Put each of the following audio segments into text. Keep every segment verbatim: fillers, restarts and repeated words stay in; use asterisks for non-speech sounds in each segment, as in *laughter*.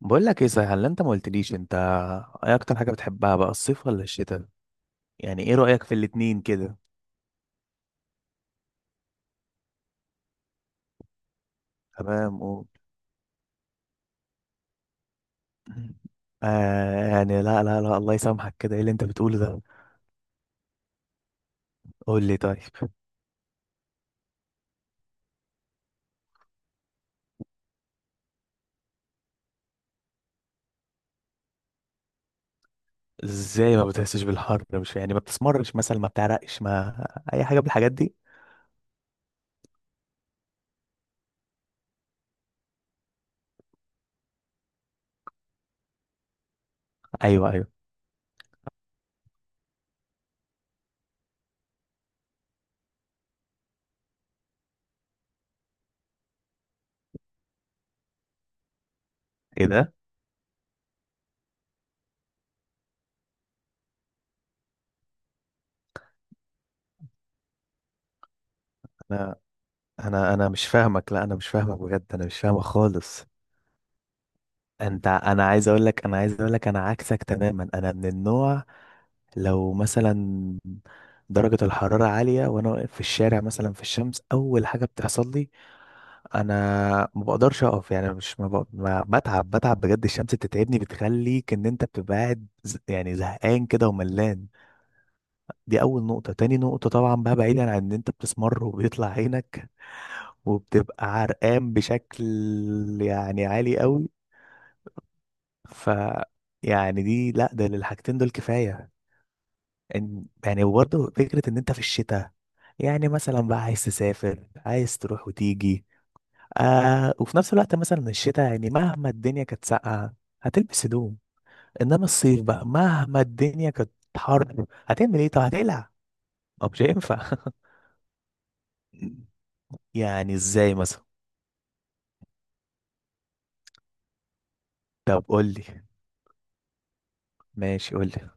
بقول لك ايه صحيح اللي انت ما قلتليش؟ انت ايه اكتر حاجه بتحبها بقى، الصيف ولا الشتاء؟ يعني ايه رايك في الاتنين كده؟ تمام، قول. آه، يعني لا لا لا، الله يسامحك كده، ايه اللي انت بتقوله ده؟ قول لي طيب. ازاي ما بتحسش بالحر؟ مش يعني ما بتسمرش مثلا، ما بتعرقش، ما اي حاجه من الحاجات دي؟ ايوه، ايوه. ايه ده؟ انا انا انا مش فاهمك، لا انا مش فاهمك بجد، انا مش فاهمك خالص. انت انا عايز اقول لك انا عايز اقول لك انا عكسك تماما، انا من النوع، لو مثلا درجة الحرارة عالية وأنا واقف في الشارع مثلا في الشمس، أول حاجة بتحصل لي، أنا ما بقدرش أقف، يعني مش ما بق... ما بتعب، بتعب بجد، الشمس بتتعبني، بتخليك إن أنت بتبقى قاعد ز- يعني زهقان كده وملان. دي أول نقطة. تاني نقطة طبعا بقى، بعيدا عن إن أنت بتسمر وبيطلع عينك وبتبقى عرقان بشكل يعني عالي قوي. ف يعني دي، لا، ده للحاجتين دول كفاية. إن- يعني وبرضه فكرة ان انت في الشتاء، يعني مثلا بقى عايز تسافر، عايز تروح وتيجي، آه، وفي نفس الوقت مثلا الشتاء يعني مهما الدنيا كانت ساقعة، هتلبس هدوم. انما الصيف بقى مهما الدنيا كانت حر، هتعمل ايه؟ طب هتقلع؟ ما مش هينفع. *laughs* يعني ازاي مثلا؟ طب قول لي. ماشي، قول لي.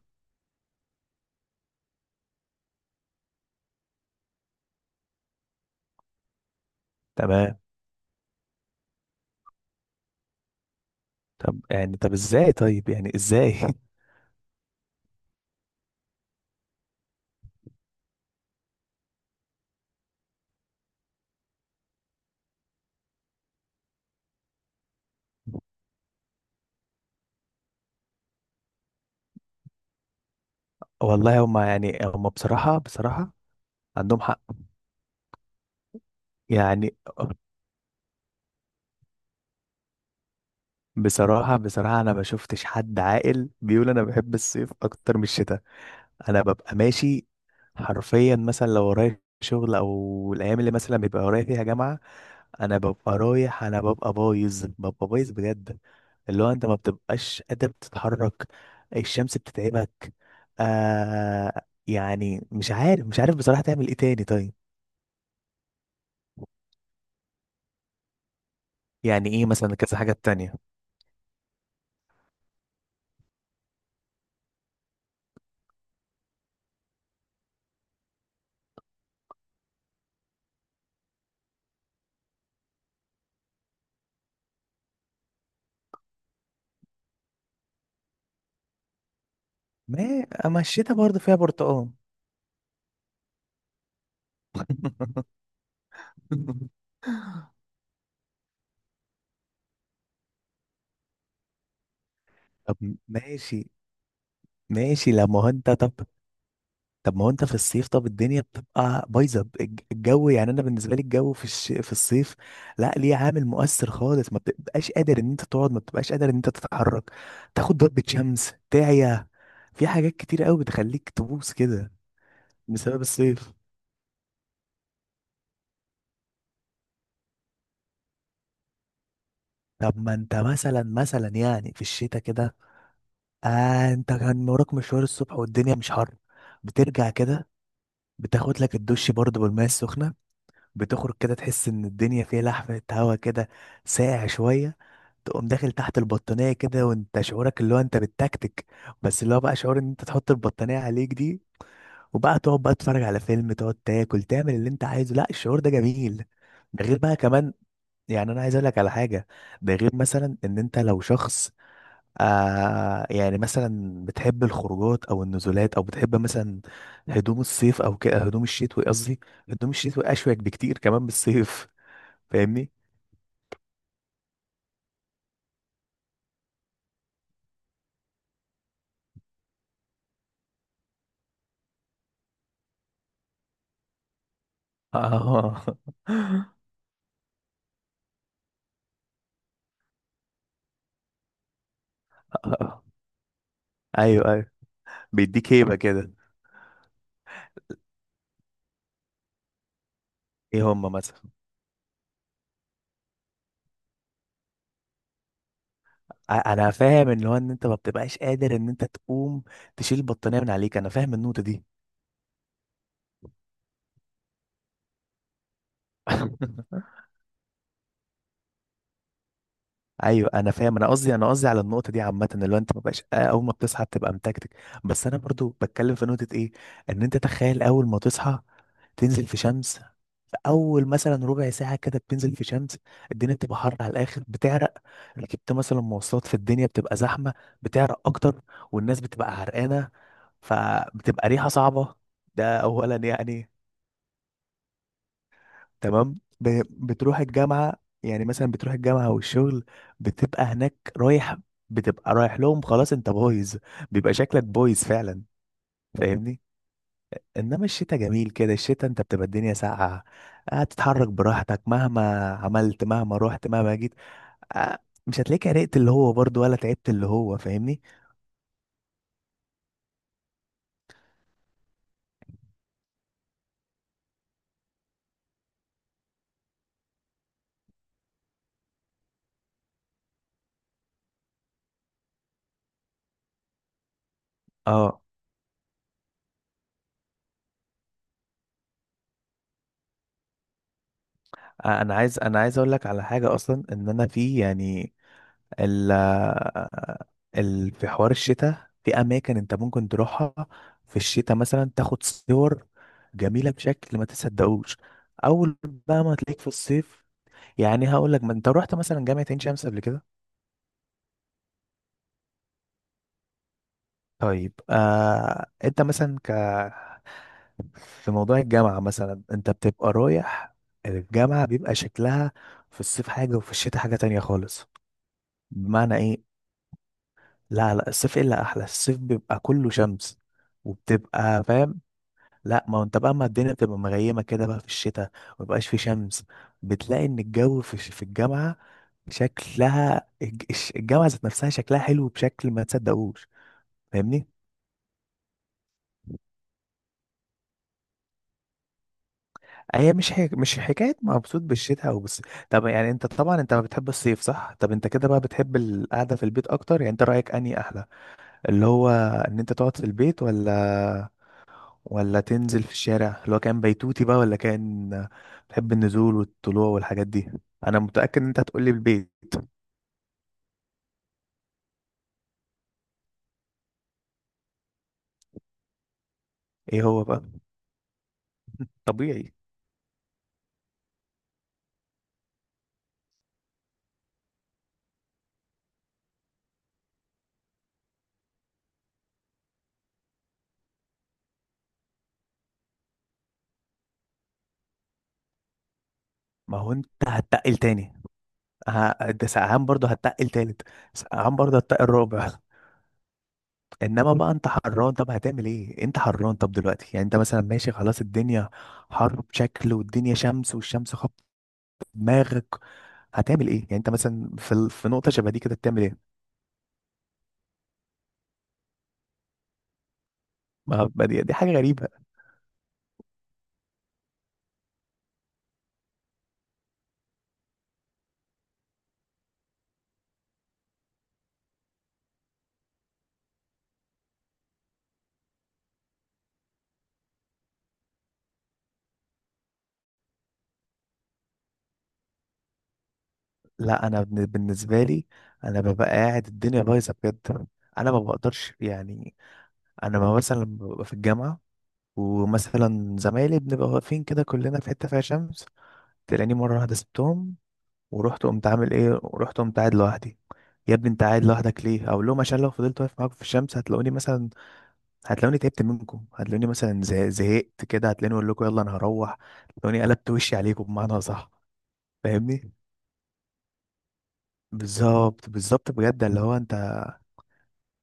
تمام. طب يعني طب ازاي؟ طيب يعني ازاي؟ *laughs* والله هما يعني هما بصراحة، بصراحة عندهم حق. يعني بصراحة، بصراحة، أنا ما شفتش حد عاقل بيقول أنا بحب الصيف أكتر من الشتاء. أنا ببقى ماشي حرفيا، مثلا لو ورايا شغل أو الأيام اللي مثلا بيبقى ورايا فيها جامعة، أنا ببقى رايح، أنا ببقى بايظ، ببقى بايظ بجد، اللي هو أنت ما بتبقاش قادر تتحرك، الشمس بتتعبك. آه، يعني مش عارف، مش عارف بصراحة تعمل إيه تاني طيب. يعني إيه مثلا كذا حاجة تانية؟ ما أما الشتاء برضه فيها برتقال. *laughs* طب ماشي، ماشي لما هو انت طب. طب ما هو انت في الصيف، طب الدنيا بتبقى بايظه، الج- الجو، يعني انا بالنسبه لي الجو في الش... في الصيف، لا، ليه عامل مؤثر خالص، ما بتبقاش قادر ان انت تقعد، ما بتبقاش قادر ان انت تتحرك، تاخد ضربة شمس، تعيا، في حاجات كتير قوي بتخليك تبوس كده بسبب الصيف. طب ما انت مثلا، مثلا يعني في الشتاء كده، آه، انت كان وراك مشوار الصبح والدنيا مش حر، بترجع كده، بتاخد لك الدش برضه بالماء السخنة، بتخرج كده تحس ان الدنيا فيها لحمة هوا كده، ساقع شوية، تقوم داخل تحت البطانية كده وانت شعورك اللي هو انت بالتكتك، بس اللي هو بقى شعور ان انت تحط البطانية عليك دي، وبقى تقعد بقى تتفرج على فيلم، تقعد تاكل تعمل اللي انت عايزه، لا، الشعور ده جميل. ده غير بقى كمان، يعني انا عايز اقول لك على حاجة، ده غير مثلا ان انت لو شخص، آه، يعني مثلا بتحب الخروجات او النزولات او بتحب مثلا هدوم الصيف او كده، هدوم الشتوي قصدي، هدوم الشتوي اشيك بكتير كمان من الصيف، فاهمني؟ اه. *laughs* ايوه، ايوه، بيديك هيبه كده. ايه هم مثلا؟ ع- انا فاهم ان هو ان انت ما بتبقاش قادر ان انت تقوم تشيل البطانيه من عليك، انا فاهم النقطه دي. *laughs* ايوه، انا فاهم، انا قصدي، انا قصدي على النقطه دي عامه، اللي هو انت ما بقاش آه، اول ما بتصحى بتبقى متكتك. بس انا برضو بتكلم في نقطه ايه، ان انت تخيل اول ما تصحى، تنزل في شمس، اول مثلا ربع ساعه كده بتنزل في شمس، الدنيا بتبقى حر على الاخر، بتعرق، ركبت مثلا مواصلات في الدنيا بتبقى زحمه، بتعرق اكتر، والناس بتبقى عرقانه، فبتبقى ريحه صعبه. ده اولا يعني. تمام، ب- بتروح الجامعة، يعني مثلا بتروح الجامعة والشغل، بتبقى هناك رايح، بتبقى رايح لهم، خلاص انت بايظ، بيبقى شكلك بايظ فعلا، فاهمني؟ انما الشتاء جميل كده، الشتاء انت بتبقى الدنيا ساقعة، هتتحرك براحتك مهما عملت مهما رحت مهما جيت، آه، مش هتلاقيك عرقت اللي هو برضو، ولا تعبت اللي هو، فاهمني؟ اه. آه، انا عايز انا عايز اقول لك على حاجة اصلا، ان انا في يعني ال ال في حوار الشتاء، في اماكن انت ممكن تروحها في الشتاء مثلا، تاخد صور جميله بشكل ما تصدقوش. اول بقى ما تلاقيك في الصيف، يعني هقول لك ما انت رحت مثلا جامعه عين شمس قبل كده؟ طيب، آه انت مثلا ك في موضوع الجامعه مثلا انت بتبقى رايح، الجامعه بيبقى شكلها في الصيف حاجه وفي الشتاء حاجه تانية خالص، بمعنى ايه؟ لا، لا، الصيف الا احلى، الصيف بيبقى كله شمس وبتبقى فاهم. لا، ما هو انت بقى اما الدنيا بتبقى مغيمه كده بقى في الشتاء ومبقاش في شمس، بتلاقي ان الجو في الش- في الجامعه، شكلها الج- الش- الجامعه ذات نفسها شكلها حلو بشكل ما تصدقوش، فاهمني؟ هي مش حك... مش حكايه مبسوط بالشتاء او بس. طب يعني انت طبعا انت بتحب الصيف صح؟ طب انت كده بقى بتحب القعده في البيت اكتر، يعني انت رايك اني احلى اللي هو ان انت تقعد في البيت، ولا ولا تنزل في الشارع، اللي هو كان بيتوتي بقى ولا كان بتحب النزول والطلوع والحاجات دي؟ انا متاكد ان انت هتقولي البيت. ايه هو بقى؟ طبيعي. ما هو انت هتتقل تاني. ه- ده سقعان برضه هتتقل تالت. سقعان برضه هتتقل رابع. انما بقى انت حران، طب هتعمل ايه؟ انت حران طب دلوقتي، يعني انت مثلا ماشي خلاص الدنيا حر بشكل والدنيا شمس والشمس خبط دماغك، هتعمل ايه؟ يعني انت مثلا في ال- في نقطه شبه دي كده بتعمل ايه؟ ما هو- ما دي, دي حاجه غريبه. لا، انا بن- بالنسبه لي انا ببقى قاعد الدنيا بايظه بجد، انا ما بقدرش يعني انا ما مثلا ببقى في الجامعه ومثلا زمايلي بنبقى واقفين كده كلنا في حتة فيها شمس، تلاقيني مرة واحدة سبتهم ورحت قمت عامل ايه؟ ورحت قمت قاعد لوحدي، يا ابني انت قاعد لوحدك ليه؟ اقول لهم عشان لو فضلت واقف معاكم في الشمس، هتلاقوني مثلا هتلاقوني تعبت منكم، هتلاقوني مثلا زه- زهقت كده، هتلاقوني اقول لكم يلا انا هروح، هتلاقوني قلبت وشي عليكم بمعنى صح، فاهمني؟ بالظبط، بالظبط بجد، اللي هو انت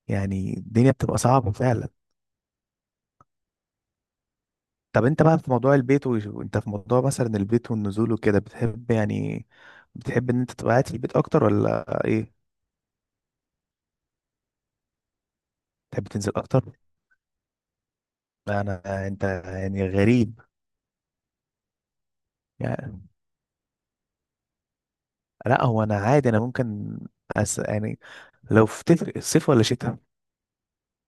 يعني الدنيا بتبقى صعبة فعلا. طب انت بقى في موضوع البيت وش- وانت في موضوع مثلا البيت والنزول وكده بتحب يعني بتحب ان انت تبقى قاعد في البيت اكتر ولا ايه؟ تحب تنزل اكتر؟ لا، انا انت يعني غريب. يعني، لا، هو انا عادي انا ممكن أس... يعني لو في تفرق الصيف ولا شتاء،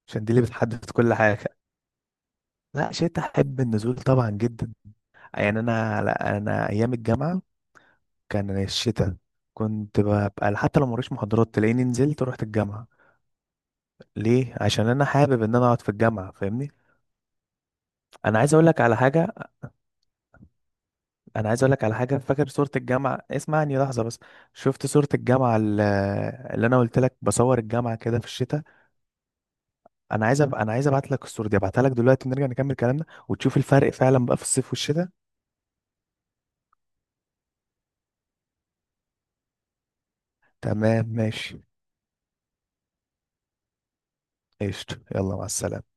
عشان دي اللي بتحدد كل حاجة. لا، شتاء احب النزول طبعا جدا. يعني، انا لا انا ايام الجامعة كان الشتاء، كنت ببقى حتى لو موريش محاضرات تلاقيني نزلت ورحت الجامعة. ليه؟ عشان انا حابب ان انا اقعد في الجامعة، فاهمني؟ انا عايز اقول لك على حاجه، انا عايز اقول لك على حاجه، فاكر صوره الجامعه؟ اسمعني لحظه بس. شفت صوره الجامعه ال- اللي انا قلت لك بصور الجامعه كده في الشتاء؟ انا عايز أب... انا عايز ابعت لك الصوره دي، ابعتها لك دلوقتي ونرجع نكمل كلامنا وتشوف الفرق فعلا بقى في الصيف والشتاء. تمام، ماشي، قشطه، يلا مع السلامه.